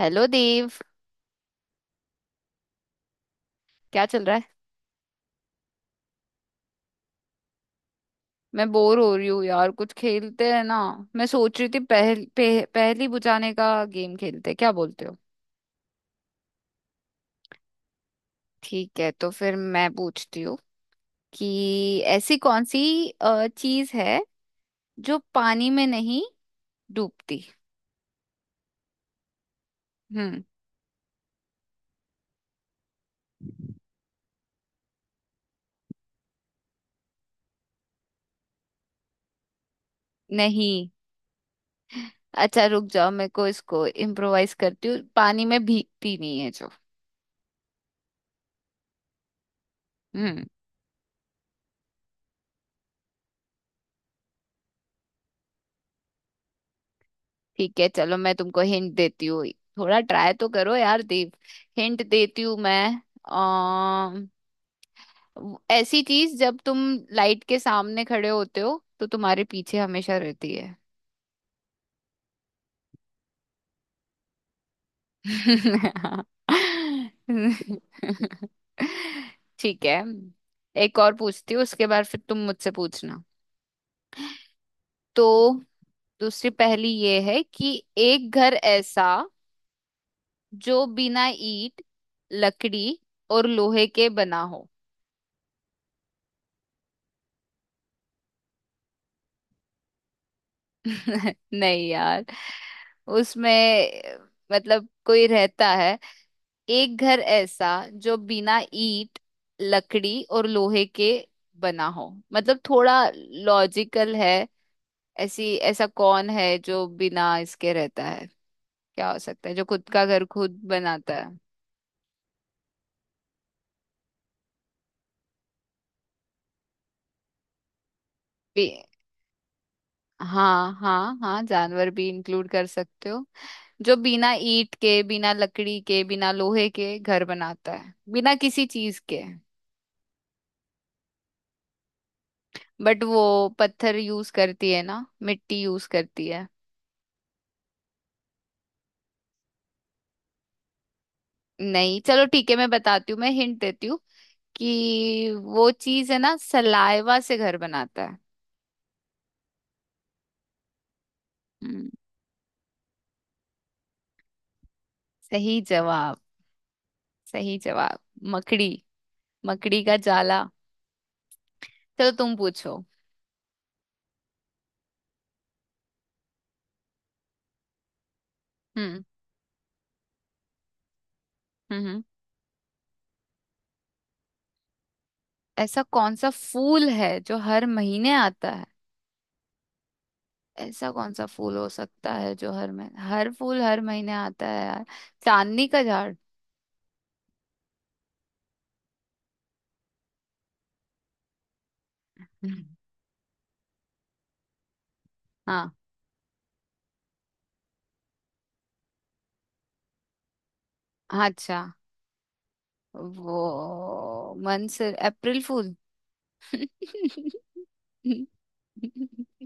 Hello Dev. क्या चल रहा है? मैं बोर हो रही हूँ यार, कुछ खेलते हैं ना। मैं सोच रही थी पहेली बुझाने का गेम खेलते हैं, क्या बोलते हो? ठीक है, तो फिर मैं पूछती हूँ कि ऐसी कौन सी चीज है जो पानी में नहीं डूबती। हम्म। नहीं। अच्छा रुक जाओ, मेरे को इसको इम्प्रोवाइज करती हूँ, पानी में भीगती नहीं है जो। हम्म। ठीक है, चलो मैं तुमको हिंट देती हूँ। थोड़ा ट्राई तो करो यार देव, हिंट देती हूँ मैं। ऐसी चीज जब तुम लाइट के सामने खड़े होते हो तो तुम्हारे पीछे हमेशा रहती है। ठीक है। एक और पूछती हूँ उसके बाद फिर तुम मुझसे पूछना। तो दूसरी पहेली ये है कि एक घर ऐसा जो बिना ईंट, लकड़ी और लोहे के बना हो। नहीं यार। उसमें मतलब कोई रहता है। एक घर ऐसा जो बिना ईंट, लकड़ी और लोहे के बना हो, मतलब थोड़ा लॉजिकल है। ऐसी ऐसा कौन है जो बिना इसके रहता है? क्या हो सकता है जो खुद का घर खुद बनाता है? बे- हाँ हाँ हाँ, जानवर भी इंक्लूड कर सकते हो। जो बिना ईंट के, बिना लकड़ी के, बिना लोहे के घर बनाता है, बिना किसी चीज के। बट वो पत्थर यूज करती है ना, मिट्टी यूज करती है। नहीं, चलो ठीक है, मैं बताती हूँ, मैं हिंट देती हूँ कि वो चीज है ना सलाइवा से घर बनाता है। हम्म। सही जवाब। सही जवाब। मकड़ी। मकड़ी का जाला। चलो तुम पूछो। हम्म। हम्म। हम्म। ऐसा कौन सा फूल है जो हर महीने आता है? ऐसा कौन सा फूल हो सकता है जो हर महीने, हर फूल हर महीने आता है यार? चांदनी का झाड़। हम्म। हाँ। अच्छा, वो मंसूर अप्रैल फूल।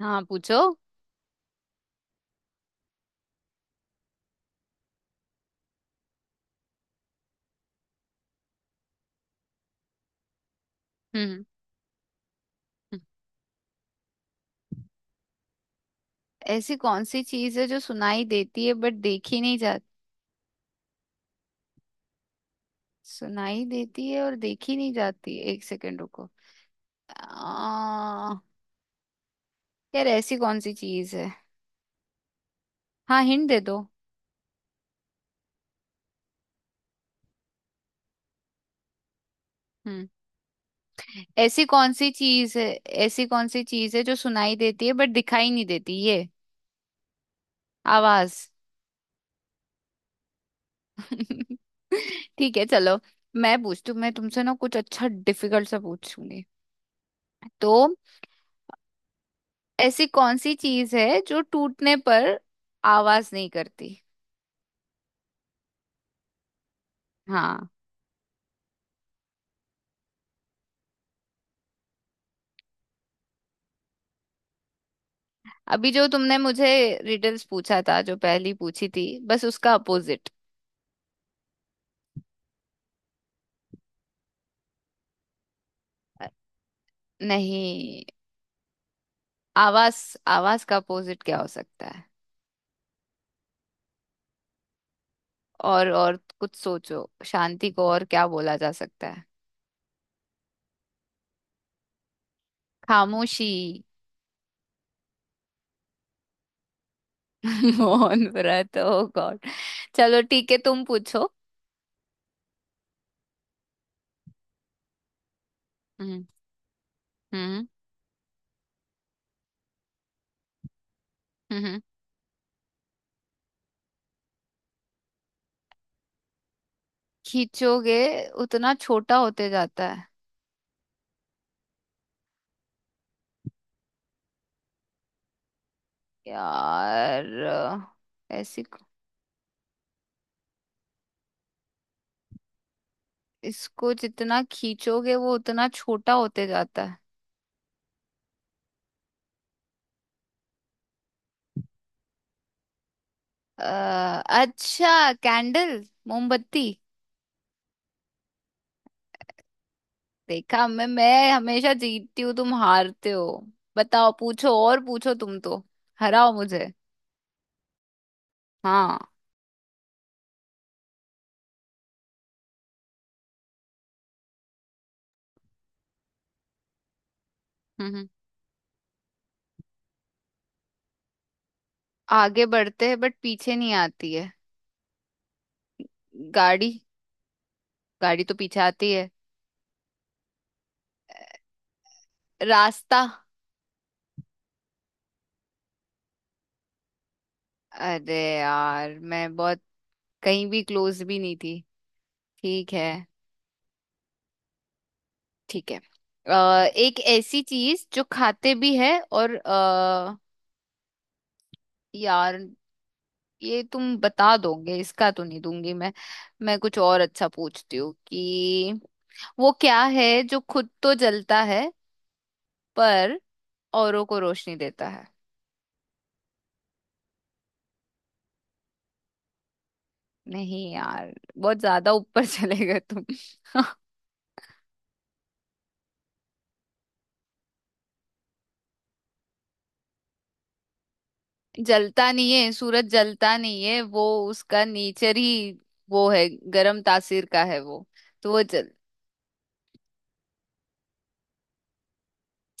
हाँ पूछो। हम्म। हम्म। ऐसी कौन सी चीज है जो सुनाई देती है बट देखी नहीं जाती? सुनाई देती है और देखी नहीं जाती, एक सेकंड रुको। आ, यार ऐसी कौन सी चीज है? हाँ हिंट दे दो। हम्म। ऐसी कौन सी चीज है? ऐसी कौन सी चीज है जो सुनाई देती है बट दिखाई नहीं देती, ये आवाज। ठीक है चलो। मैं पूछती हूँ, मैं तुमसे ना कुछ अच्छा डिफिकल्ट सा पूछूंगी। तो ऐसी कौन सी चीज है जो टूटने पर आवाज नहीं करती? हाँ। अभी जो तुमने मुझे रिडल्स पूछा था, जो पहली पूछी थी, बस उसका अपोजिट। नहीं, आवाज। आवाज का अपोजिट क्या हो सकता है? और कुछ सोचो, शांति को और क्या बोला जा सकता है? खामोशी। मौन व्रत, ओ गॉड। चलो ठीक है तुम पूछो। हम्म। हम्म। हम्म। हम्म। खींचोगे, उतना छोटा होते जाता है? यार ऐसी, इसको जितना खींचोगे वो उतना छोटा होते जाता है। अच्छा, कैंडल, मोमबत्ती। देखा, मैं हमेशा जीतती हूँ, तुम हारते हो। बताओ पूछो, और पूछो तुम तो, हराओ मुझे। हाँ। हम्म। हम्म। आगे बढ़ते हैं बट पीछे नहीं आती है? गाड़ी। गाड़ी तो पीछे आती है। रास्ता। अरे यार, मैं बहुत कहीं भी क्लोज भी नहीं थी। ठीक है। ठीक है। एक ऐसी चीज जो खाते भी है और यार ये तुम बता दोगे इसका, तो नहीं दूंगी मैं। मैं कुछ और अच्छा पूछती हूँ कि वो क्या है जो खुद तो जलता है पर औरों को रोशनी देता है? नहीं यार, बहुत ज्यादा ऊपर चले गए तुम। जलता नहीं है, सूरज जलता नहीं है वो। उसका नेचर ही वो है, गरम तासीर का है वो। तो वो जल,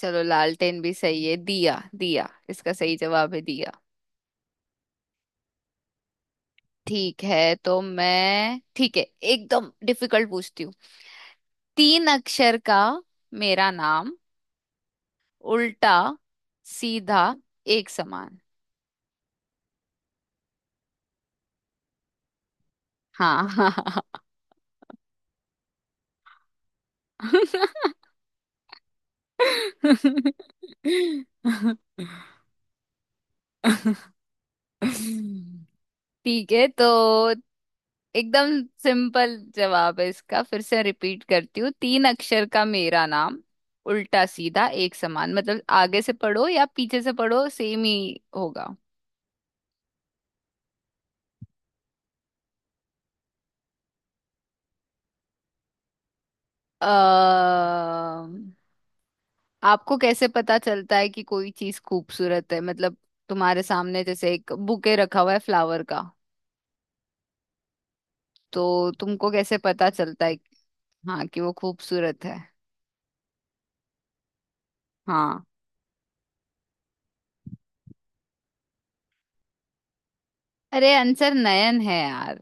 चलो लालटेन भी सही है, दिया, दिया इसका सही जवाब है, दिया। ठीक है, तो मैं ठीक है एकदम डिफिकल्ट पूछती हूँ। तीन अक्षर का मेरा नाम, उल्टा सीधा एक समान। हाँ हाँ। ठीक है, तो एकदम सिंपल जवाब है इसका, फिर से रिपीट करती हूँ। तीन अक्षर का मेरा नाम उल्टा सीधा एक समान, मतलब आगे से पढ़ो या पीछे से पढ़ो सेम ही होगा। अः आपको कैसे पता चलता है कि कोई चीज खूबसूरत है, मतलब तुम्हारे सामने जैसे एक बुके रखा हुआ है फ्लावर का, तो तुमको कैसे पता चलता है? हाँ, कि वो खूबसूरत है? हाँ। अरे आंसर नयन है यार।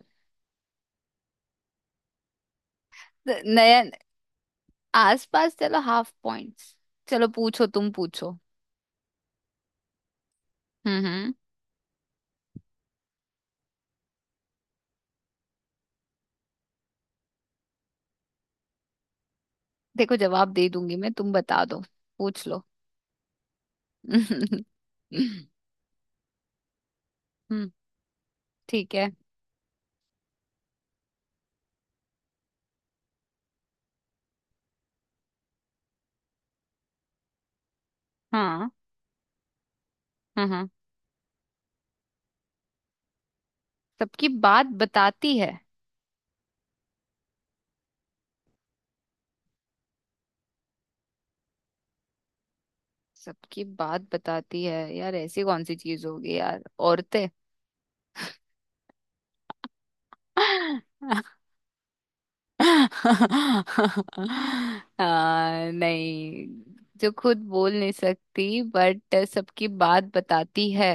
नयन। आसपास, चलो हाफ पॉइंट्स। चलो पूछो, तुम पूछो। हम्म। हम्म। देखो, जवाब दे दूंगी मैं, तुम बता दो, पूछ लो। हम्म। ठीक है। हाँ हाँ हाँ, सबकी बात बताती है। सबकी बात बताती है यार, ऐसी कौन सी चीज होगी यार? औरतें। आ, नहीं। जो खुद बोल नहीं सकती बट सबकी बात बताती है,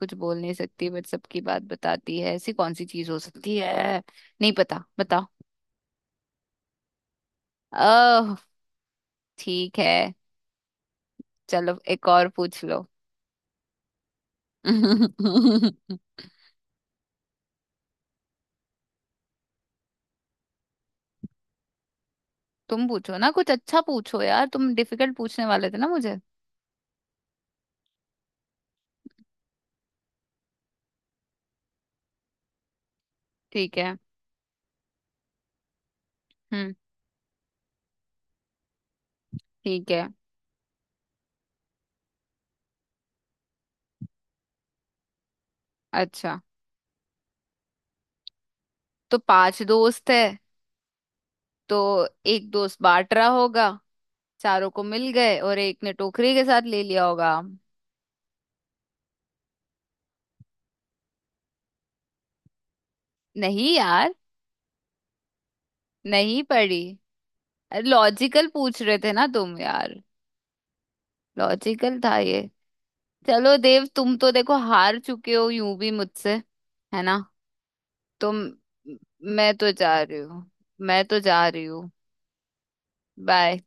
कुछ बोल नहीं सकती बट सबकी बात बताती है, ऐसी कौन सी चीज हो सकती है? नहीं पता, बताओ। ओह। ठीक है। चलो एक और पूछ लो। तुम पूछो ना, कुछ अच्छा पूछो यार, तुम डिफिकल्ट पूछने वाले थे ना मुझे। ठीक है। हम्म। ठीक है। अच्छा, तो पांच दोस्त है, तो एक दोस्त बांट रहा होगा, चारों को मिल गए और एक ने टोकरी के साथ ले लिया होगा। नहीं यार। नहीं पढ़ी। लॉजिकल पूछ रहे थे ना तुम यार, लॉजिकल था ये। चलो देव, तुम तो देखो हार चुके हो यूं भी मुझसे, है ना? तुम, मैं तो जा रही हूँ, मैं तो जा रही हूँ। बाय।